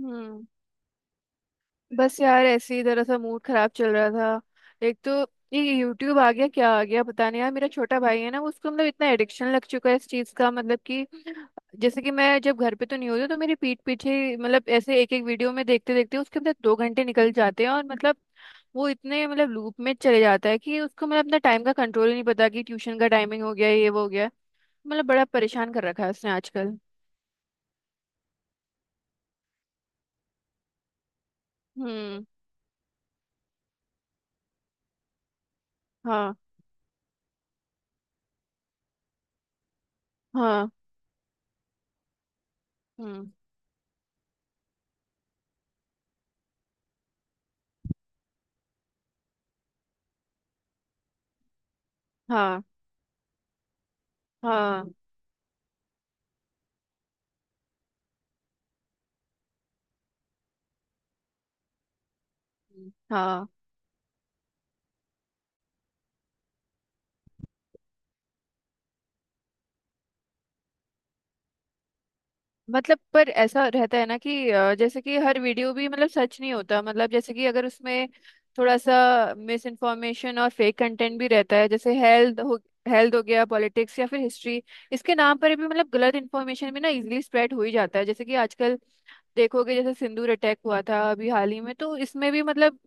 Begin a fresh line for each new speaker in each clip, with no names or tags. हम्म। बस यार ऐसे ही जरा सा मूड खराब चल रहा था। एक तो ये यूट्यूब आ गया, क्या आ गया पता नहीं यार। मेरा छोटा भाई है ना, उसको मतलब इतना एडिक्शन लग चुका है इस चीज का, मतलब कि जैसे कि मैं जब घर पे तो नहीं होती हूँ, तो मेरे पीठ पीछे मतलब ऐसे एक एक वीडियो में देखते देखते उसके अंदर दो घंटे निकल जाते हैं। और मतलब वो इतने मतलब लूप में चले जाता है कि उसको मतलब अपना टाइम का कंट्रोल ही नहीं, पता कि ट्यूशन का टाइमिंग हो गया, ये वो हो गया। मतलब बड़ा परेशान कर रखा है उसने आजकल। हम्म। हाँ। हाँ। हम्म। हाँ। हाँ। हाँ, मतलब पर ऐसा रहता है ना कि जैसे कि हर वीडियो भी मतलब सच नहीं होता। मतलब जैसे कि अगर उसमें थोड़ा सा मिस इन्फॉर्मेशन और फेक कंटेंट भी रहता है। जैसे हेल्थ हो, हेल्थ हो गया, पॉलिटिक्स या फिर हिस्ट्री, इसके नाम पर भी मतलब गलत इन्फॉर्मेशन भी ना इजीली स्प्रेड हो ही जाता है। जैसे कि आजकल देखोगे, जैसे सिंदूर अटैक हुआ था अभी हाल ही में, तो इसमें भी मतलब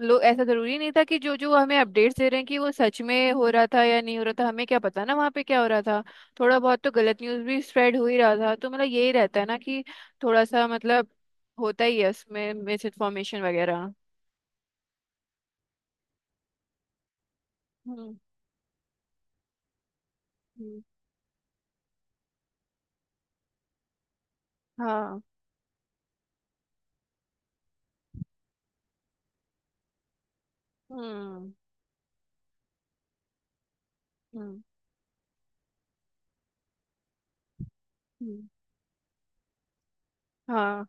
लोग, ऐसा जरूरी नहीं था कि जो जो हमें अपडेट्स दे रहे हैं कि वो सच में हो रहा था या नहीं हो रहा था। हमें क्या पता ना वहाँ पे क्या हो रहा था। थोड़ा बहुत तो गलत न्यूज़ भी स्प्रेड हो ही रहा था। तो मतलब यही रहता है ना कि थोड़ा सा मतलब होता ही है उसमें मिस इन्फॉर्मेशन वगैरह। हम्म। हम्म। हाँ। हम्म। हम्म। हम्म। हाँ।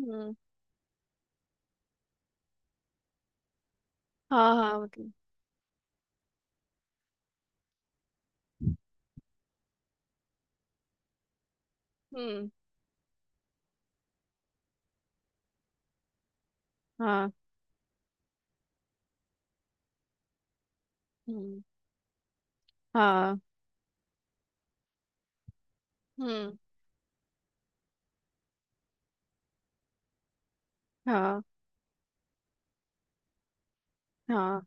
हम्म। हाँ। हाँ, मतलब। हम्म। हाँ। हम्म। हाँ। हम्म। हाँ। हाँ।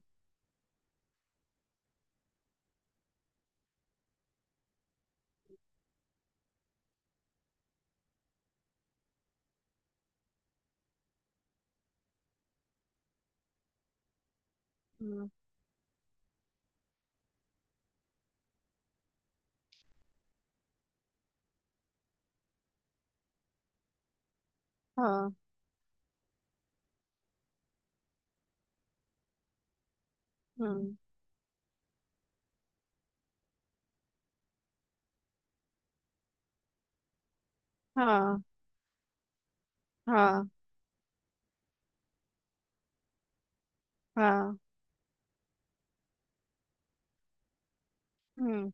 हम्म। हाँ। हम्म। हाँ। हाँ। हाँ। हम्म।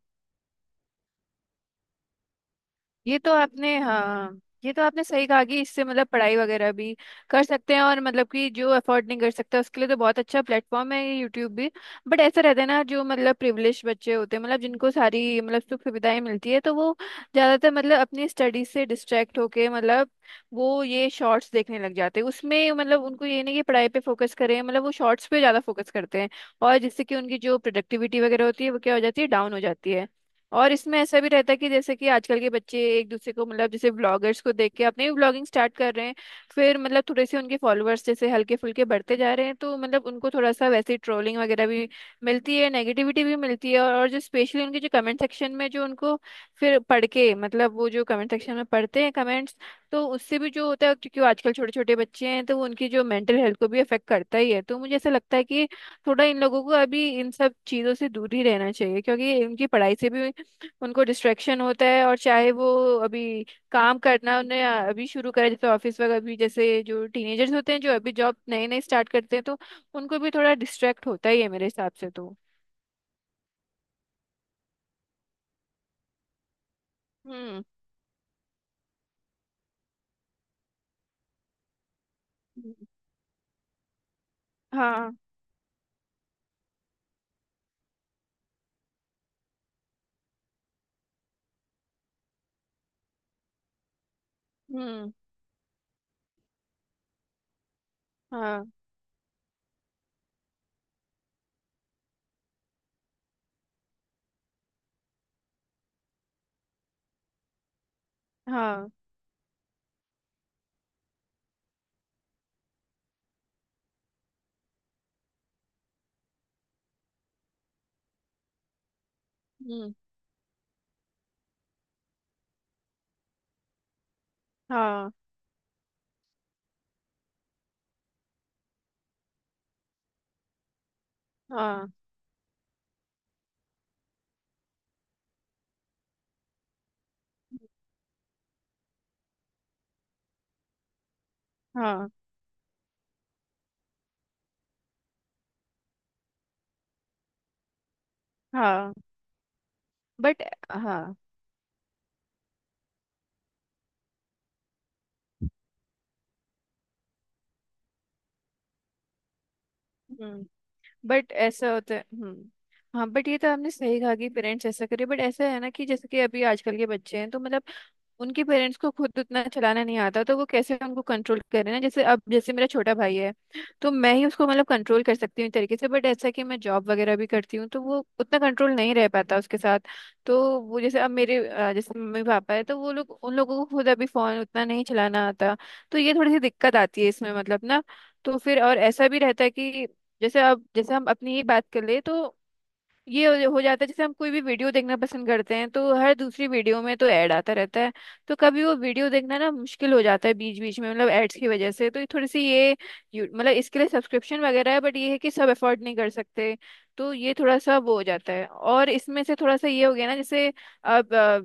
ये तो आपने, हाँ, ये तो आपने सही कहा कि इससे मतलब पढ़ाई वगैरह भी कर सकते हैं, और मतलब कि जो अफोर्ड नहीं कर सकता उसके लिए तो बहुत अच्छा प्लेटफॉर्म है ये यूट्यूब भी। बट ऐसा रहता है ना, जो मतलब प्रिविलेज बच्चे होते हैं, मतलब जिनको सारी मतलब सुख सुविधाएं मिलती है, तो वो ज़्यादातर मतलब अपनी स्टडी से डिस्ट्रैक्ट होके मतलब वो ये शॉर्ट्स देखने लग जाते हैं। उसमें मतलब उनको ये नहीं कि पढ़ाई पे फोकस करें, मतलब वो शॉर्ट्स पे ज़्यादा फोकस करते हैं। और जिससे कि उनकी जो प्रोडक्टिविटी वगैरह होती है वो क्या हो जाती है, डाउन हो जाती है। और इसमें ऐसा भी रहता है कि जैसे कि आजकल के बच्चे एक दूसरे को मतलब जैसे व्लॉगर्स को देख के अपने भी व्लॉगिंग स्टार्ट कर रहे हैं। फिर मतलब थोड़े से उनके फॉलोअर्स जैसे हल्के फुल्के बढ़ते जा रहे हैं, तो मतलब उनको थोड़ा सा वैसे ट्रोलिंग वगैरह भी मिलती है, नेगेटिविटी भी मिलती है। और जो स्पेशली उनके जो कमेंट सेक्शन में जो उनको फिर पढ़ के, मतलब वो जो कमेंट सेक्शन में पढ़ते हैं कमेंट्स, तो उससे भी जो होता है, क्योंकि वो आजकल छोटे छोटे बच्चे हैं, तो वो उनकी जो मेंटल हेल्थ को भी अफेक्ट करता ही है। तो मुझे ऐसा लगता है कि थोड़ा इन लोगों को अभी इन सब चीज़ों से दूर ही रहना चाहिए, क्योंकि इनकी पढ़ाई से भी उनको डिस्ट्रैक्शन होता है। और चाहे वो अभी काम करना उन्हें अभी शुरू करें, जैसे ऑफिस वगैरह, अभी जैसे जो टीनेजर्स होते हैं जो अभी जॉब नए नए स्टार्ट करते हैं, तो उनको भी थोड़ा डिस्ट्रैक्ट होता ही है मेरे हिसाब से तो। हम्म। हम्म। हाँ। हम्म। हाँ। हाँ। हम्म। हाँ। हाँ। हाँ। हाँ। बट। हाँ। हम्म। बट ऐसा होता है। हम्म। हाँ, बट ये तो आपने सही कहा कि पेरेंट्स ऐसा करें। बट ऐसा है ना कि जैसे कि अभी आजकल के बच्चे हैं तो मतलब उनके पेरेंट्स को खुद उतना चलाना नहीं आता, तो वो कैसे उनको कंट्रोल करें ना। जैसे अब जैसे मेरा छोटा भाई है, तो मैं ही उसको मतलब कंट्रोल कर सकती हूँ एक तरीके से। बट ऐसा कि मैं जॉब वगैरह भी करती हूँ तो वो उतना कंट्रोल नहीं रह पाता उसके साथ। तो वो जैसे अब मेरे जैसे मम्मी पापा है, तो वो लोग, उन लोगों को खुद अभी फोन उतना नहीं चलाना आता। तो ये थोड़ी सी दिक्कत आती है इसमें मतलब ना। तो फिर और ऐसा भी रहता है कि जैसे अब जैसे हम अपनी ही बात कर ले, तो ये हो जाता है। जैसे हम कोई भी वीडियो देखना पसंद करते हैं, तो हर दूसरी वीडियो में तो ऐड आता रहता है। तो कभी वो वीडियो देखना ना मुश्किल हो जाता है बीच बीच में, मतलब एड्स की वजह से। तो ये थोड़ी सी ये मतलब इसके लिए सब्सक्रिप्शन वगैरह है, बट ये है कि सब अफोर्ड नहीं कर सकते। तो ये थोड़ा सा वो हो जाता है। और इसमें से थोड़ा सा ये हो गया ना, जैसे अब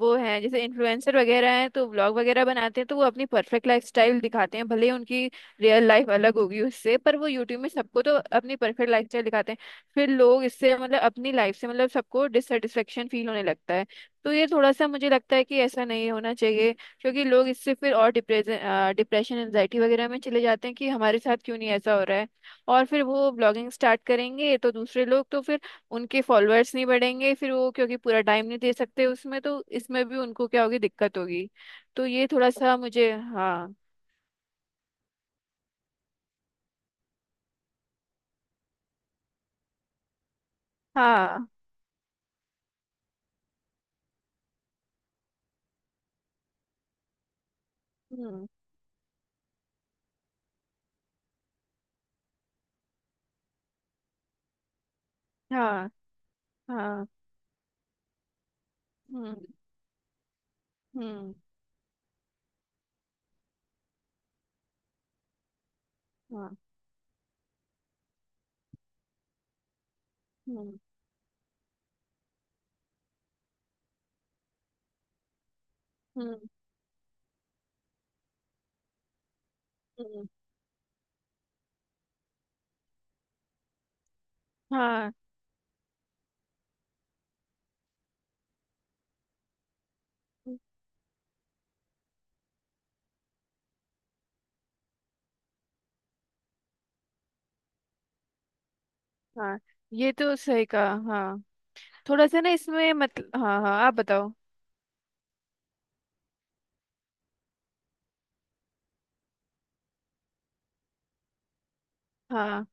वो हैं जैसे इन्फ्लुएंसर वगैरह हैं, तो व्लॉग वगैरह बनाते हैं, तो वो अपनी परफेक्ट लाइफस्टाइल दिखाते हैं। भले ही उनकी रियल लाइफ अलग होगी उससे, पर वो यूट्यूब में सबको तो अपनी परफेक्ट लाइफस्टाइल दिखाते हैं। फिर लोग इससे मतलब अपनी लाइफ से मतलब सबको डिससेटिस्फेक्शन फील होने लगता है। तो ये थोड़ा सा मुझे लगता है कि ऐसा नहीं होना चाहिए, क्योंकि लोग इससे फिर और डिप्रेशन डिप्रेशन एंजाइटी वगैरह में चले जाते हैं कि हमारे साथ क्यों नहीं ऐसा हो रहा है। और फिर वो ब्लॉगिंग स्टार्ट करेंगे तो दूसरे लोग तो फिर उनके फॉलोअर्स नहीं बढ़ेंगे, फिर वो क्योंकि पूरा टाइम नहीं दे सकते उसमें, तो इसमें भी उनको क्या होगी, दिक्कत होगी। तो ये थोड़ा सा मुझे, हाँ। हाँ। हम्म। हाँ। हाँ। हम्म। हम्म। हाँ। हम्म। हम्म। हम्म। हाँ। हाँ, ये तो सही कहा। हाँ, थोड़ा सा ना इसमें मतलब, हाँ हाँ आप बताओ। हाँ।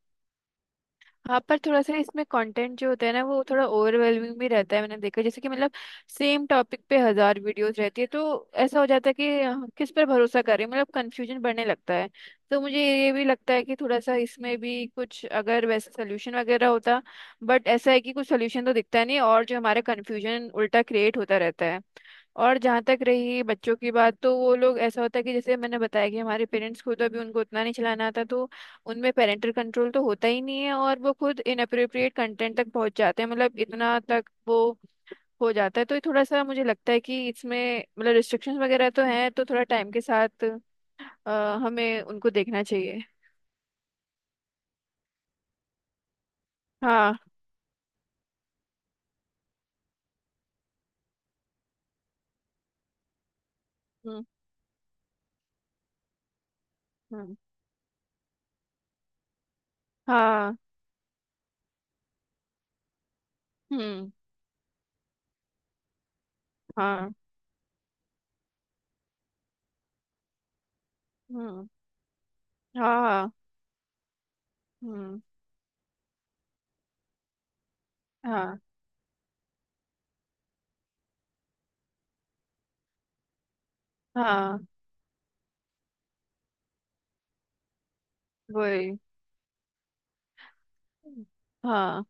हाँ, पर थोड़ा सा इसमें कंटेंट जो होता है ना वो थोड़ा ओवरवेलमिंग भी रहता है। मैंने देखा जैसे कि मतलब सेम टॉपिक पे हजार वीडियोस रहती है, तो ऐसा हो जाता है कि किस पर भरोसा करें, मतलब कंफ्यूजन बढ़ने लगता है। तो मुझे ये भी लगता है कि थोड़ा सा इसमें भी कुछ अगर वैसे सोल्यूशन वगैरह होता। बट ऐसा है कि कुछ सोल्यूशन तो दिखता नहीं, और जो हमारा कंफ्यूजन उल्टा क्रिएट होता रहता है। और जहाँ तक रही बच्चों की बात, तो वो लोग ऐसा होता है कि जैसे मैंने बताया कि हमारे पेरेंट्स खुद अभी उनको उतना नहीं चलाना आता, तो उनमें पेरेंटल कंट्रोल तो होता ही नहीं है, और वो खुद इनअप्रोप्रिएट कंटेंट तक पहुंच जाते हैं, मतलब इतना तक वो हो जाता है। तो ये थोड़ा सा मुझे लगता है कि इसमें मतलब रिस्ट्रिक्शंस वगैरह तो हैं, तो थोड़ा टाइम के साथ हमें उनको देखना चाहिए। हाँ। हम्म। हम्म। हाँ। हम्म। हाँ। हम्म। हाँ। हम्म। हाँ। हाँ। वही। हाँ।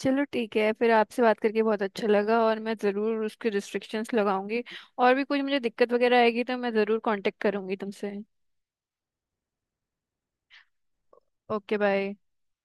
चलो ठीक है, फिर आपसे बात करके बहुत अच्छा लगा और मैं ज़रूर उसके रिस्ट्रिक्शंस लगाऊंगी। और भी कुछ मुझे दिक्कत वगैरह आएगी तो मैं ज़रूर कांटेक्ट करूंगी तुमसे। Okay bye.